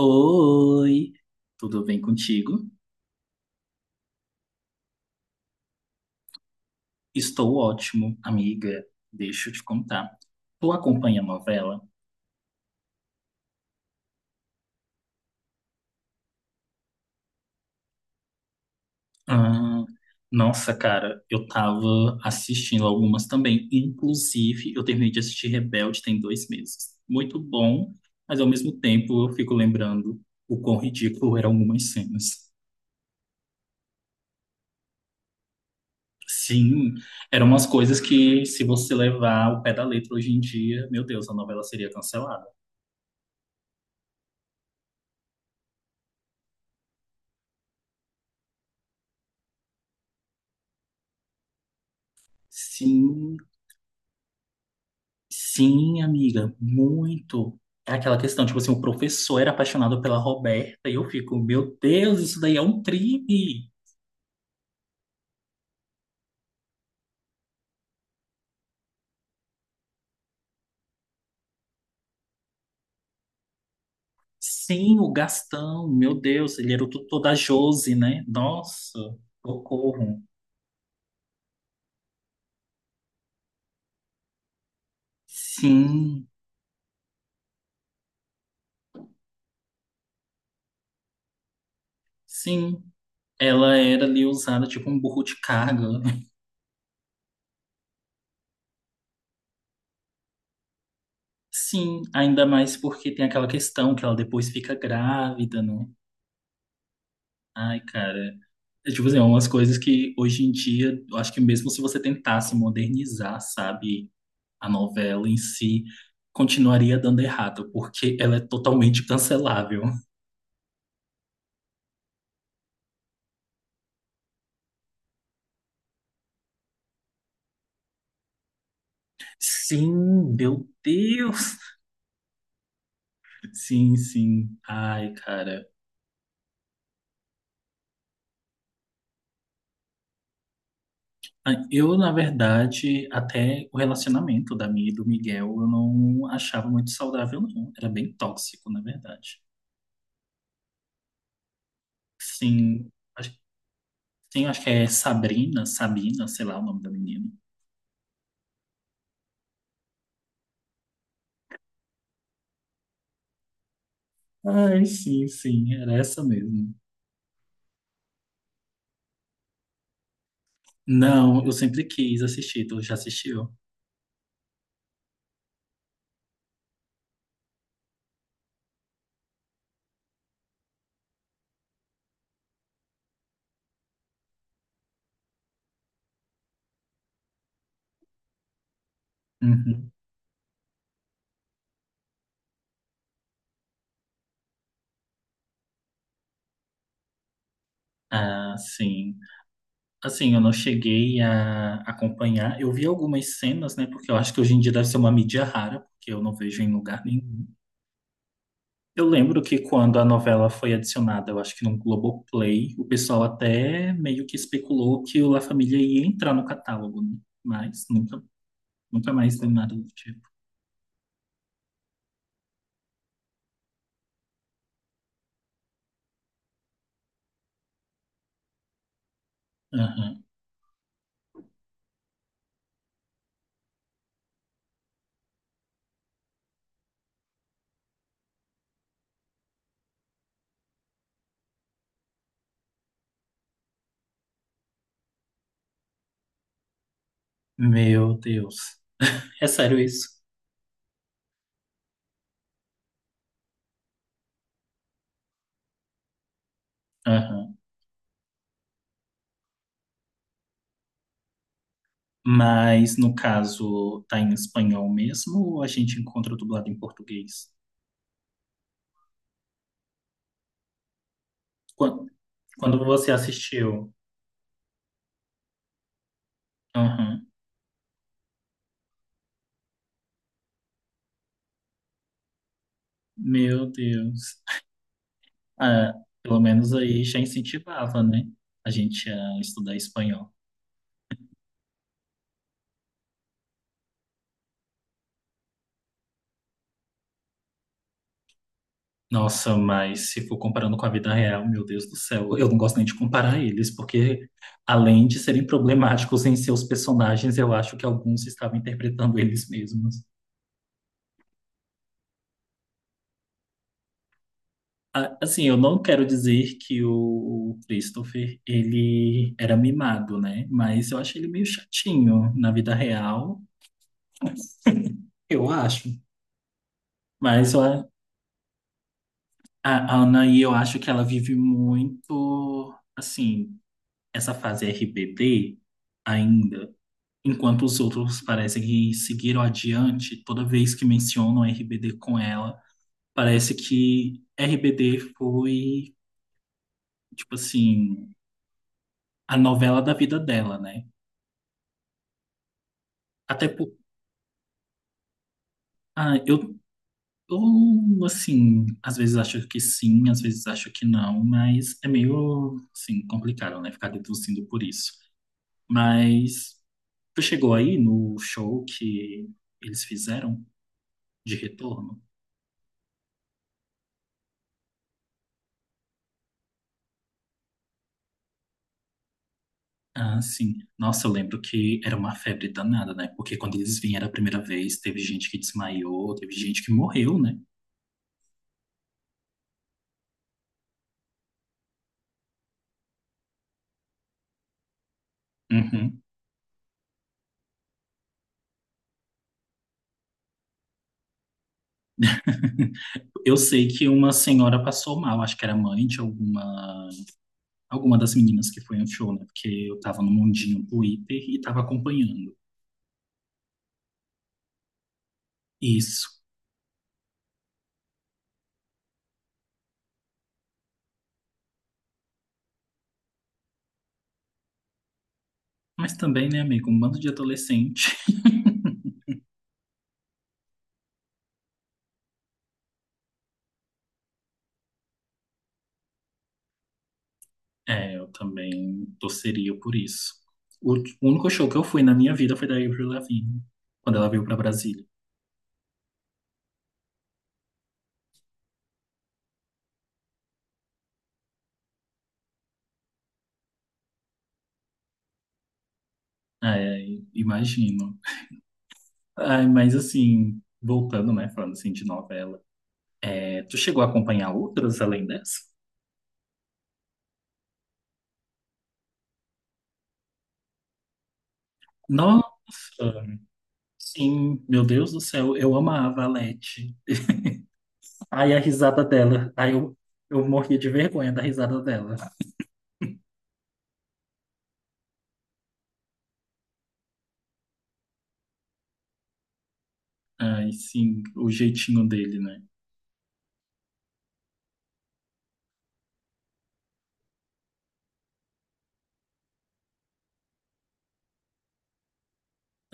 Oi, tudo bem contigo? Estou ótimo, amiga. Deixa eu te contar. Tu acompanha a novela? Ah, nossa, cara, eu tava assistindo algumas também. Inclusive, eu terminei de assistir Rebelde tem 2 meses. Muito bom, mas ao mesmo tempo eu fico lembrando o quão ridículo eram algumas cenas. Sim, eram umas coisas que, se você levar o pé da letra hoje em dia, meu Deus, a novela seria cancelada. Sim. Sim, amiga, muito. É aquela questão, tipo assim, o professor era apaixonado pela Roberta e eu fico, meu Deus, isso daí é um crime. Sim, o Gastão, meu Deus, ele era o tutor da Josi, né? Nossa, socorro. Sim, sim. Ela era ali usada tipo um burro de carga, né? Sim, ainda mais porque tem aquela questão que ela depois fica grávida, né? Ai, cara. É, tipo assim, é umas coisas que hoje em dia, eu acho que mesmo se você tentasse modernizar, sabe, a novela em si, continuaria dando errado, porque ela é totalmente cancelável. Sim, meu Deus! Sim, sim. Ai, cara. Ai, eu, na verdade, até o relacionamento da Mia e do Miguel, eu não achava muito saudável, não. Era bem tóxico, na verdade. Sim, acho, sim, acho que é Sabrina, Sabina, sei lá o nome da menina. Ai, sim, sim, era essa mesmo. Não, eu sempre quis assistir, tu já assistiu? Uhum. Ah, sim. Assim, eu não cheguei a acompanhar. Eu vi algumas cenas, né? Porque eu acho que hoje em dia deve ser uma mídia rara, porque eu não vejo em lugar nenhum. Eu lembro que quando a novela foi adicionada, eu acho que no Globoplay, o pessoal até meio que especulou que o La Família ia entrar no catálogo, né? Mas nunca, nunca mais deu nada do tipo. Aham. Meu Deus. É sério isso? Aham. Mas no caso tá em espanhol mesmo ou a gente encontra dublado em português? Quan- Quando você assistiu? Aham. Meu Deus. Ah, pelo menos aí já incentivava, né? A gente a estudar espanhol. Nossa, mas se for comparando com a vida real, meu Deus do céu, eu não gosto nem de comparar eles, porque além de serem problemáticos em seus personagens, eu acho que alguns estavam interpretando eles mesmos. Assim, eu não quero dizer que o Christopher, ele era mimado, né? Mas eu acho ele meio chatinho na vida real, eu acho. Mas eu a Anaí, eu acho que ela vive muito, assim, essa fase RBD ainda. Enquanto os outros parecem que seguiram adiante, toda vez que mencionam RBD com ela, parece que RBD foi, tipo assim, a novela da vida dela, né? Até ah, eu, assim, às vezes acho que sim, às vezes acho que não, mas é meio, assim, complicado, né? Ficar deduzindo por isso. Mas tu chegou aí no show que eles fizeram de retorno? Ah, sim. Nossa, eu lembro que era uma febre danada, né? Porque quando eles vieram a primeira vez, teve gente que desmaiou, teve gente que morreu, né? Uhum. Eu sei que uma senhora passou mal, acho que era mãe de alguma alguma das meninas que foi no show, né? Porque eu tava no mundinho Twitter e tava acompanhando isso. Mas também, né, amigo, um bando de adolescente. É, eu também torceria por isso. O o único show que eu fui na minha vida foi da Avril Lavigne, quando ela veio pra Brasília. É, imagino. Ai, mas assim, voltando, né, falando assim de novela. É, tu chegou a acompanhar outras além dessa? Nossa, sim, meu Deus do céu, eu amava a Leti. Aí a risada dela. Aí eu morria de vergonha da risada dela. Ai, sim, o jeitinho dele, né?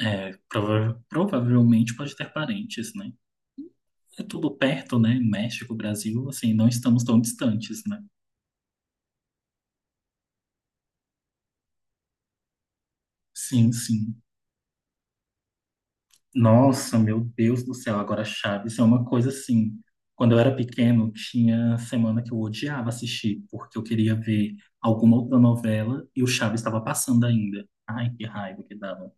É, provavelmente pode ter parentes, né? É tudo perto, né? México, Brasil, assim, não estamos tão distantes, né? Sim, sim. Nossa, meu Deus do céu, agora Chaves é uma coisa assim. Quando eu era pequeno, tinha semana que eu odiava assistir, porque eu queria ver alguma outra novela e o Chaves estava passando ainda. Ai, que raiva que dava.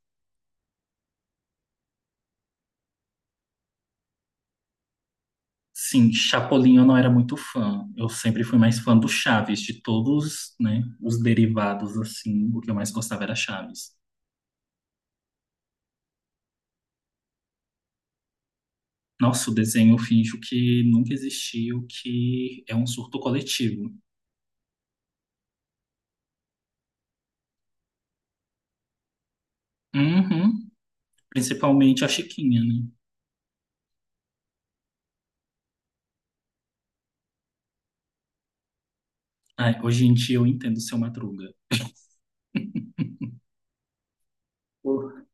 Sim, Chapolin eu não era muito fã. Eu sempre fui mais fã do Chaves, de todos, né, os derivados, assim, o que eu mais gostava era Chaves. Nossa, o desenho eu finjo que nunca existiu, que é um surto coletivo. Uhum. Principalmente a Chiquinha, né? Ai, hoje em dia eu entendo o seu Madruga. Por-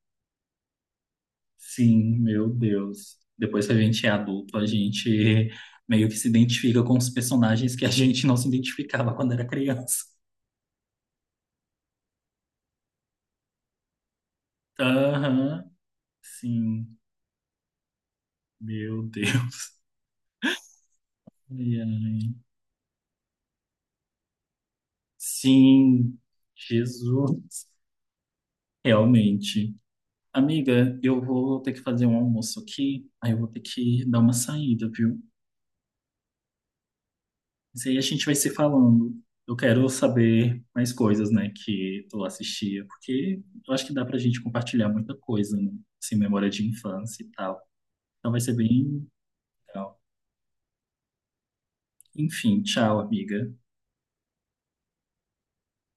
Sim, meu Deus. Depois que a gente é adulto, a gente meio que se identifica com os personagens que a gente não se identificava quando era criança. Aham, sim. Meu Deus. Ai, ai. Sim, Jesus. Realmente. Amiga, eu vou ter que fazer um almoço aqui, aí eu vou ter que dar uma saída, viu? Mas aí a gente vai se falando. Eu quero saber mais coisas, né, que tu assistia, porque eu acho que dá pra gente compartilhar muita coisa, né? Assim, memória de infância e tal. Então vai ser bem legal. Enfim, tchau, amiga.